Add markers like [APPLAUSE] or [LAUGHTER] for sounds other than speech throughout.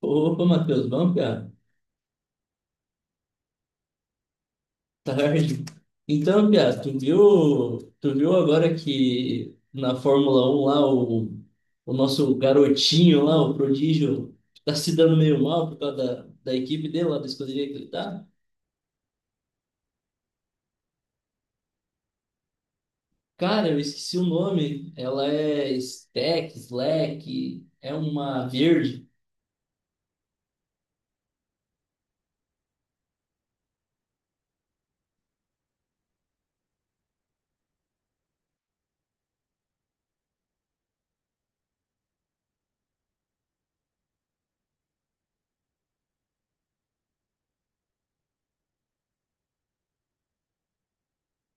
Opa, Matheus, bom, piá? Tarde. Então, piá, tu viu agora que na Fórmula Um lá, o nosso garotinho lá, o prodígio, tá se dando meio mal por causa da equipe dele, lá da escuderia que ele tá? Cara, eu esqueci o nome. Ela é Stack, Slack, é uma verde.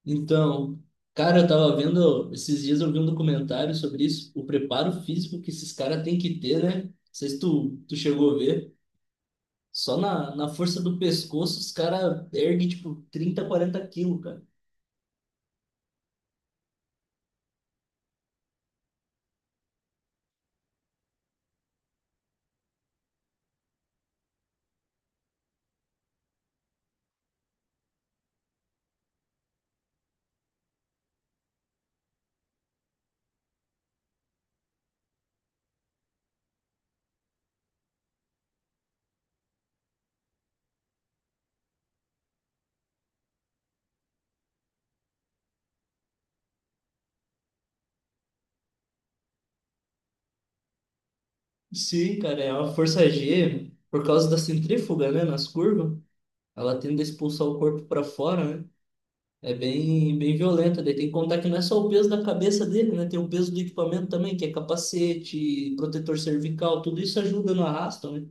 Então, cara, eu tava vendo, esses dias eu vi um documentário sobre isso, o preparo físico que esses caras têm que ter, né? Não sei se tu chegou a ver. Só na força do pescoço, os caras erguem, tipo, 30 40 quilos, cara. Sim, cara, é uma força G, por causa da centrífuga, né, nas curvas, ela tende a expulsar o corpo para fora, né? É bem violenta. Daí tem que contar que não é só o peso da cabeça dele, né? Tem o peso do equipamento também, que é capacete, protetor cervical, tudo isso ajuda no arrasto, né?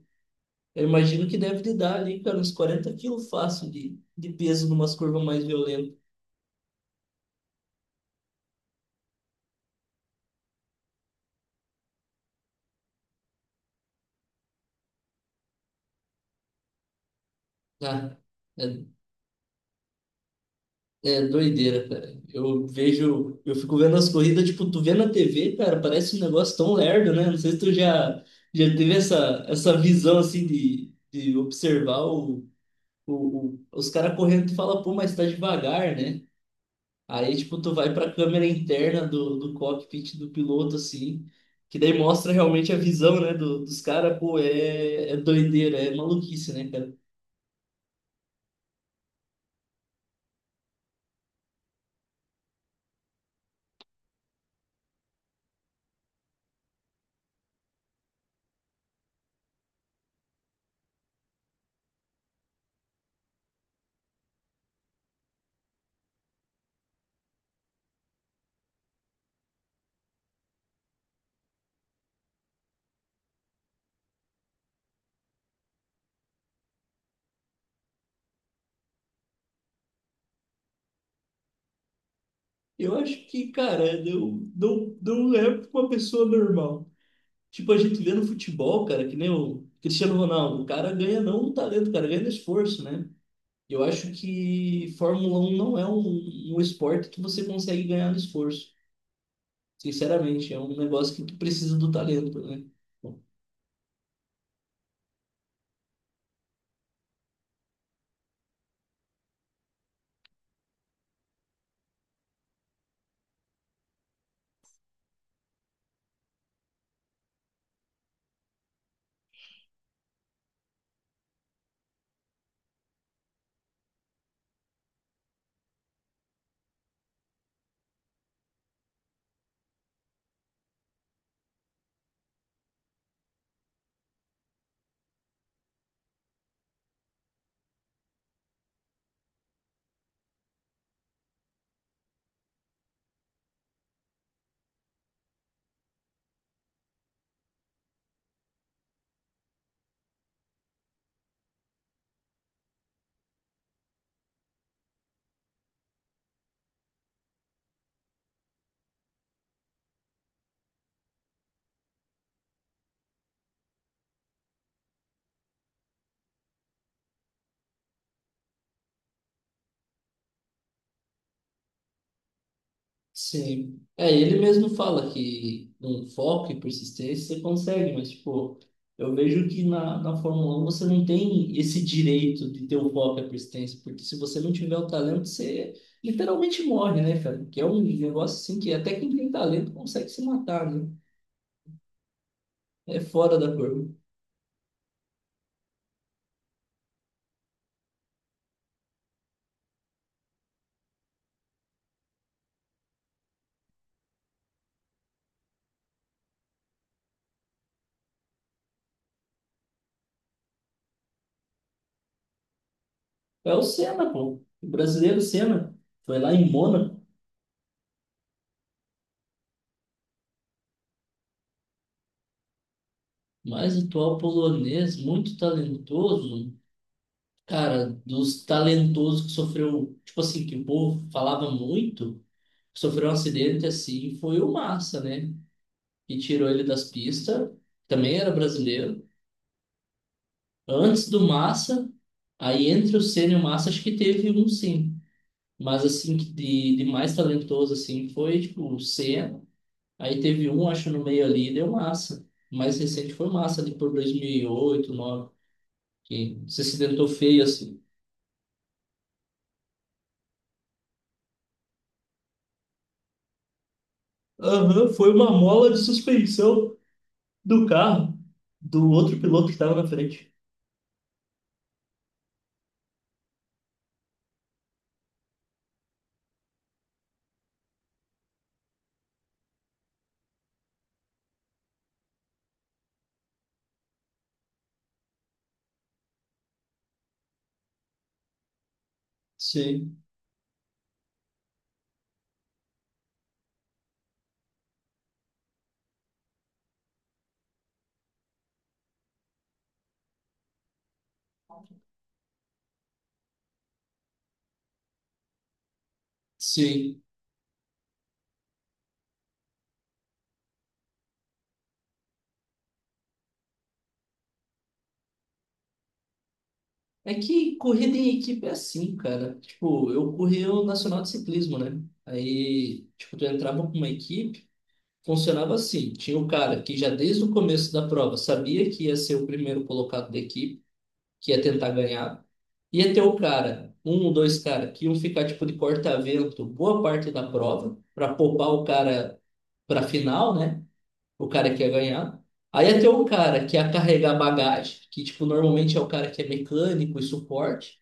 Eu imagino que deve lhe dar ali, cara, uns 40 quilos fácil de peso numas curvas mais violentas. Ah, é. É doideira, cara. Eu vejo, eu fico vendo as corridas, tipo, tu vê na TV, cara, parece um negócio tão lerdo, né? Não sei se tu já, já teve essa visão, assim, de observar os caras correndo, tu fala, pô, mas tá devagar, né? Aí, tipo, tu vai pra câmera interna do cockpit do piloto, assim, que daí mostra realmente a visão, né, dos caras, pô, é doideira, é maluquice, né, cara? Eu acho que, cara, não é pra uma pessoa normal. Tipo, a gente vê no futebol, cara, que nem o Cristiano Ronaldo, o cara ganha não o talento, o cara ganha no esforço, né? Eu acho que Fórmula um não é um esporte que você consegue ganhar no esforço. Sinceramente, é um negócio que tu precisa do talento, né? Sim. É, ele mesmo fala que um foco e persistência você consegue, mas, tipo, eu vejo que na Fórmula um você não tem esse direito de ter o foco e a persistência, porque se você não tiver o talento, você literalmente morre, né, cara? Que é um negócio assim que até quem tem talento consegue se matar, né? É fora da curva. É o Senna, pô. O brasileiro Senna foi lá em Mônaco. Mas o atual polonês, muito talentoso, cara, dos talentosos que sofreu, tipo assim, que o povo falava muito, que sofreu um acidente assim, foi o Massa, né? Que tirou ele das pistas, também era brasileiro. Antes do Massa, aí entre o Senna e o Massa, acho que teve um sim. Mas assim, que de mais talentoso assim, foi tipo o Senna, aí teve um, acho, no meio ali, e deu Massa. O mais recente foi o Massa, ali por 2008, nove, que se acidentou feio assim. Aham, foi uma mola de suspensão do carro do outro piloto que estava na frente. Sim, sim. É que corrida em equipe é assim, cara. Tipo, eu corri o Nacional de Ciclismo, né? Aí, tipo, tu entrava com uma equipe, funcionava assim. Tinha o cara que já desde o começo da prova sabia que ia ser o primeiro colocado da equipe, que ia tentar ganhar. Ia ter o cara, um ou dois cara, que iam ficar tipo de corta-vento boa parte da prova, para poupar o cara para final, né? O cara que ia ganhar. Aí ia ter o cara que ia carregar bagagem, que tipo normalmente é o cara que é mecânico e suporte,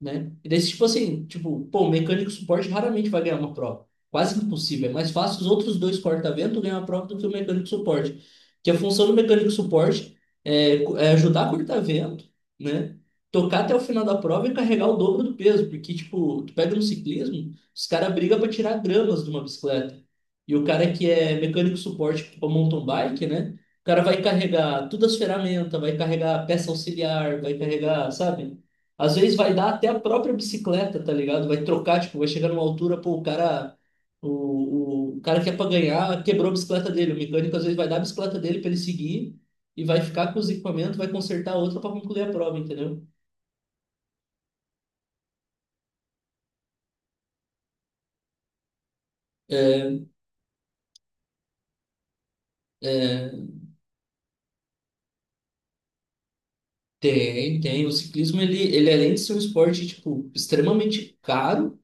né? E daí, tipo assim, tipo, pô, o mecânico suporte raramente vai ganhar uma prova. Quase impossível. É mais fácil os outros dois corta-vento ganhar a prova do que o mecânico suporte. Que a função do mecânico suporte é, é ajudar a corta-vento, né? Tocar até o final da prova e carregar o dobro do peso. Porque, tipo, tu pega no ciclismo, os caras brigam para tirar gramas de uma bicicleta. E o cara que é mecânico suporte para mountain bike, né? O cara vai carregar todas as ferramentas, vai carregar peça auxiliar, vai carregar, sabe? Às vezes vai dar até a própria bicicleta, tá ligado? Vai trocar, tipo, vai chegar numa altura, pô, o cara. O cara que é pra ganhar quebrou a bicicleta dele. O mecânico às vezes vai dar a bicicleta dele pra ele seguir e vai ficar com os equipamentos, vai consertar a outra pra concluir a prova, entendeu? É, tem. O ciclismo, ele além de ser um esporte, tipo, extremamente caro,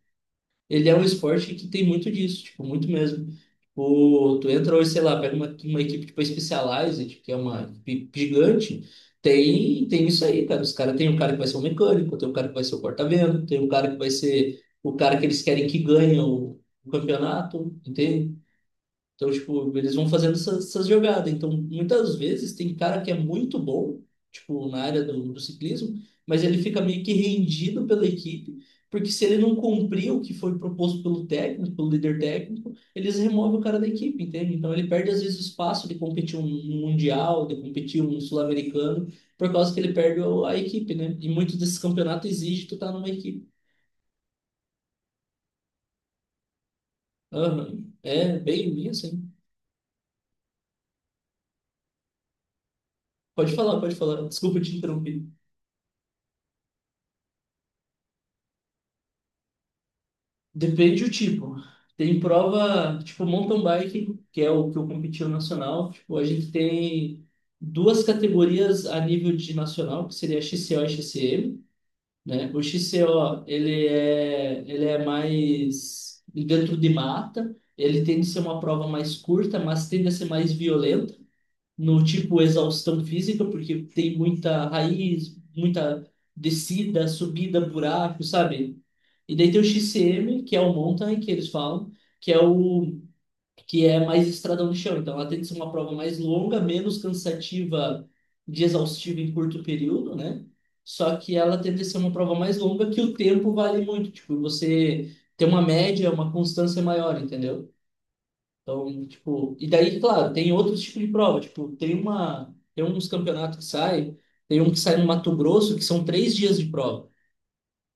ele é um esporte que tem muito disso, tipo, muito mesmo. Tipo, tu entra hoje, sei lá, pega uma equipe tipo a Specialized, que é uma equipe gigante, tem isso aí, cara. Os caras tem um cara que vai ser o mecânico, tem um cara que vai ser o porta-vento, tem um cara que vai ser o cara que eles querem que ganhe o campeonato, entende? Então, tipo, eles vão fazendo essas jogadas. Então, muitas vezes tem cara que é muito bom, tipo, na área do ciclismo, mas ele fica meio que rendido pela equipe, porque se ele não cumprir o que foi proposto pelo técnico, pelo líder técnico, eles removem o cara da equipe, entende? Então, ele perde, às vezes, o espaço de competir um mundial, de competir um sul-americano, por causa que ele perde a equipe, né? E muitos desses campeonatos exigem tu estar numa equipe. Aham. É bem isso, hein? Pode falar. Desculpa te interromper. Depende do tipo. Tem prova, tipo mountain bike, que é o que eu competi no nacional. Tipo, a gente tem duas categorias a nível de nacional, que seria XCO e XCM, né? O XCO, ele é mais dentro de mata, ele tende a ser uma prova mais curta, mas tende a ser mais violenta no tipo exaustão física, porque tem muita raiz, muita descida, subida, buraco, sabe? E daí tem o XCM, que é o mountain que eles falam, que é o que é mais estradão de chão. Então ela tem que ser uma prova mais longa, menos cansativa de exaustiva em curto período, né? Só que ela tende a ser uma prova mais longa que o tempo vale muito, tipo, você tem uma média, uma constância maior, entendeu? Então, tipo, e daí, claro, tem outros tipos de prova, tipo, tem uns campeonatos que saem, tem um que sai no Mato Grosso, que são três dias de prova.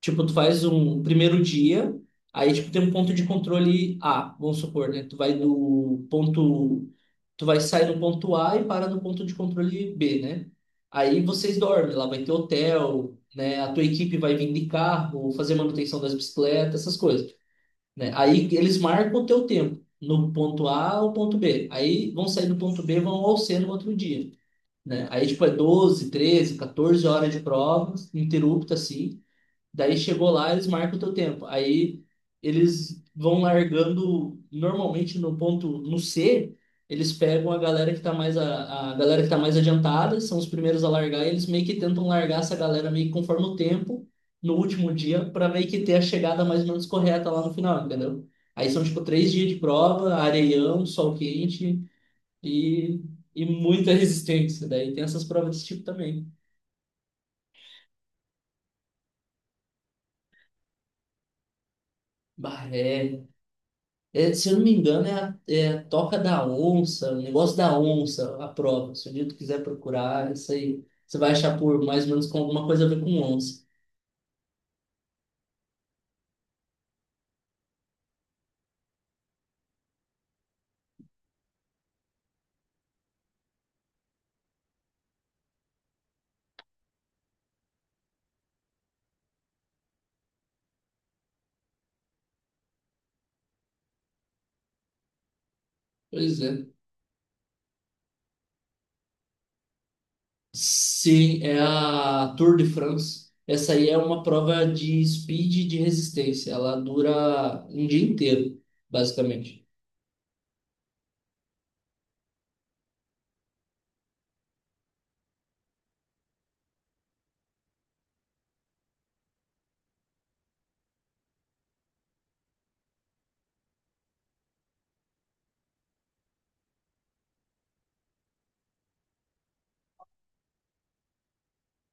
Tipo, tu faz um primeiro dia, aí, tipo, tem um ponto de controle A, vamos supor, né? Tu vai sair no ponto A e para no ponto de controle B, né? Aí vocês dormem, lá vai ter hotel, né? A tua equipe vai vir de carro, fazer manutenção das bicicletas, essas coisas, né? Aí eles marcam o teu tempo, no ponto A ao ponto B. Aí vão sair do ponto B, vão ao C no outro dia, né? Aí, tipo, é 12, 13, 14 horas de provas, ininterrupta, assim. Daí chegou lá, eles marcam o teu tempo. Aí eles vão largando normalmente no ponto no C, eles pegam a galera que tá mais a galera que tá mais adiantada, são os primeiros a largar, e eles meio que tentam largar essa galera meio que conforme o tempo no último dia para meio que ter a chegada mais ou menos correta lá no final, entendeu? Aí são tipo três dias de prova, areião, sol quente e, e muita [LAUGHS] resistência. Daí tem essas provas desse tipo também. Bah, é, É, se eu não me engano, é a Toca da Onça, o negócio da onça, a prova. Se o dia tu quiser procurar, isso aí você vai achar por mais ou menos com alguma coisa a ver com onça. Pois é. Sim, é a Tour de France. Essa aí é uma prova de speed e de resistência. Ela dura um dia inteiro, basicamente.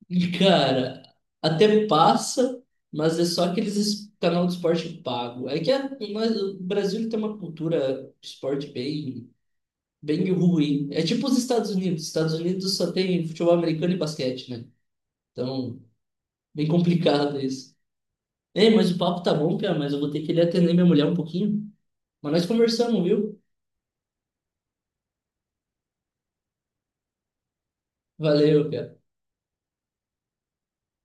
E, cara, até passa, mas é só aqueles canal de esporte pago. É que mas o Brasil tem uma cultura de esporte bem ruim. É tipo os Estados Unidos. Estados Unidos só tem futebol americano e basquete, né? Então, bem complicado isso. Ei, mas o papo tá bom, Pia, mas eu vou ter que ir atender minha mulher um pouquinho. Mas nós conversamos, viu? Valeu, Pia.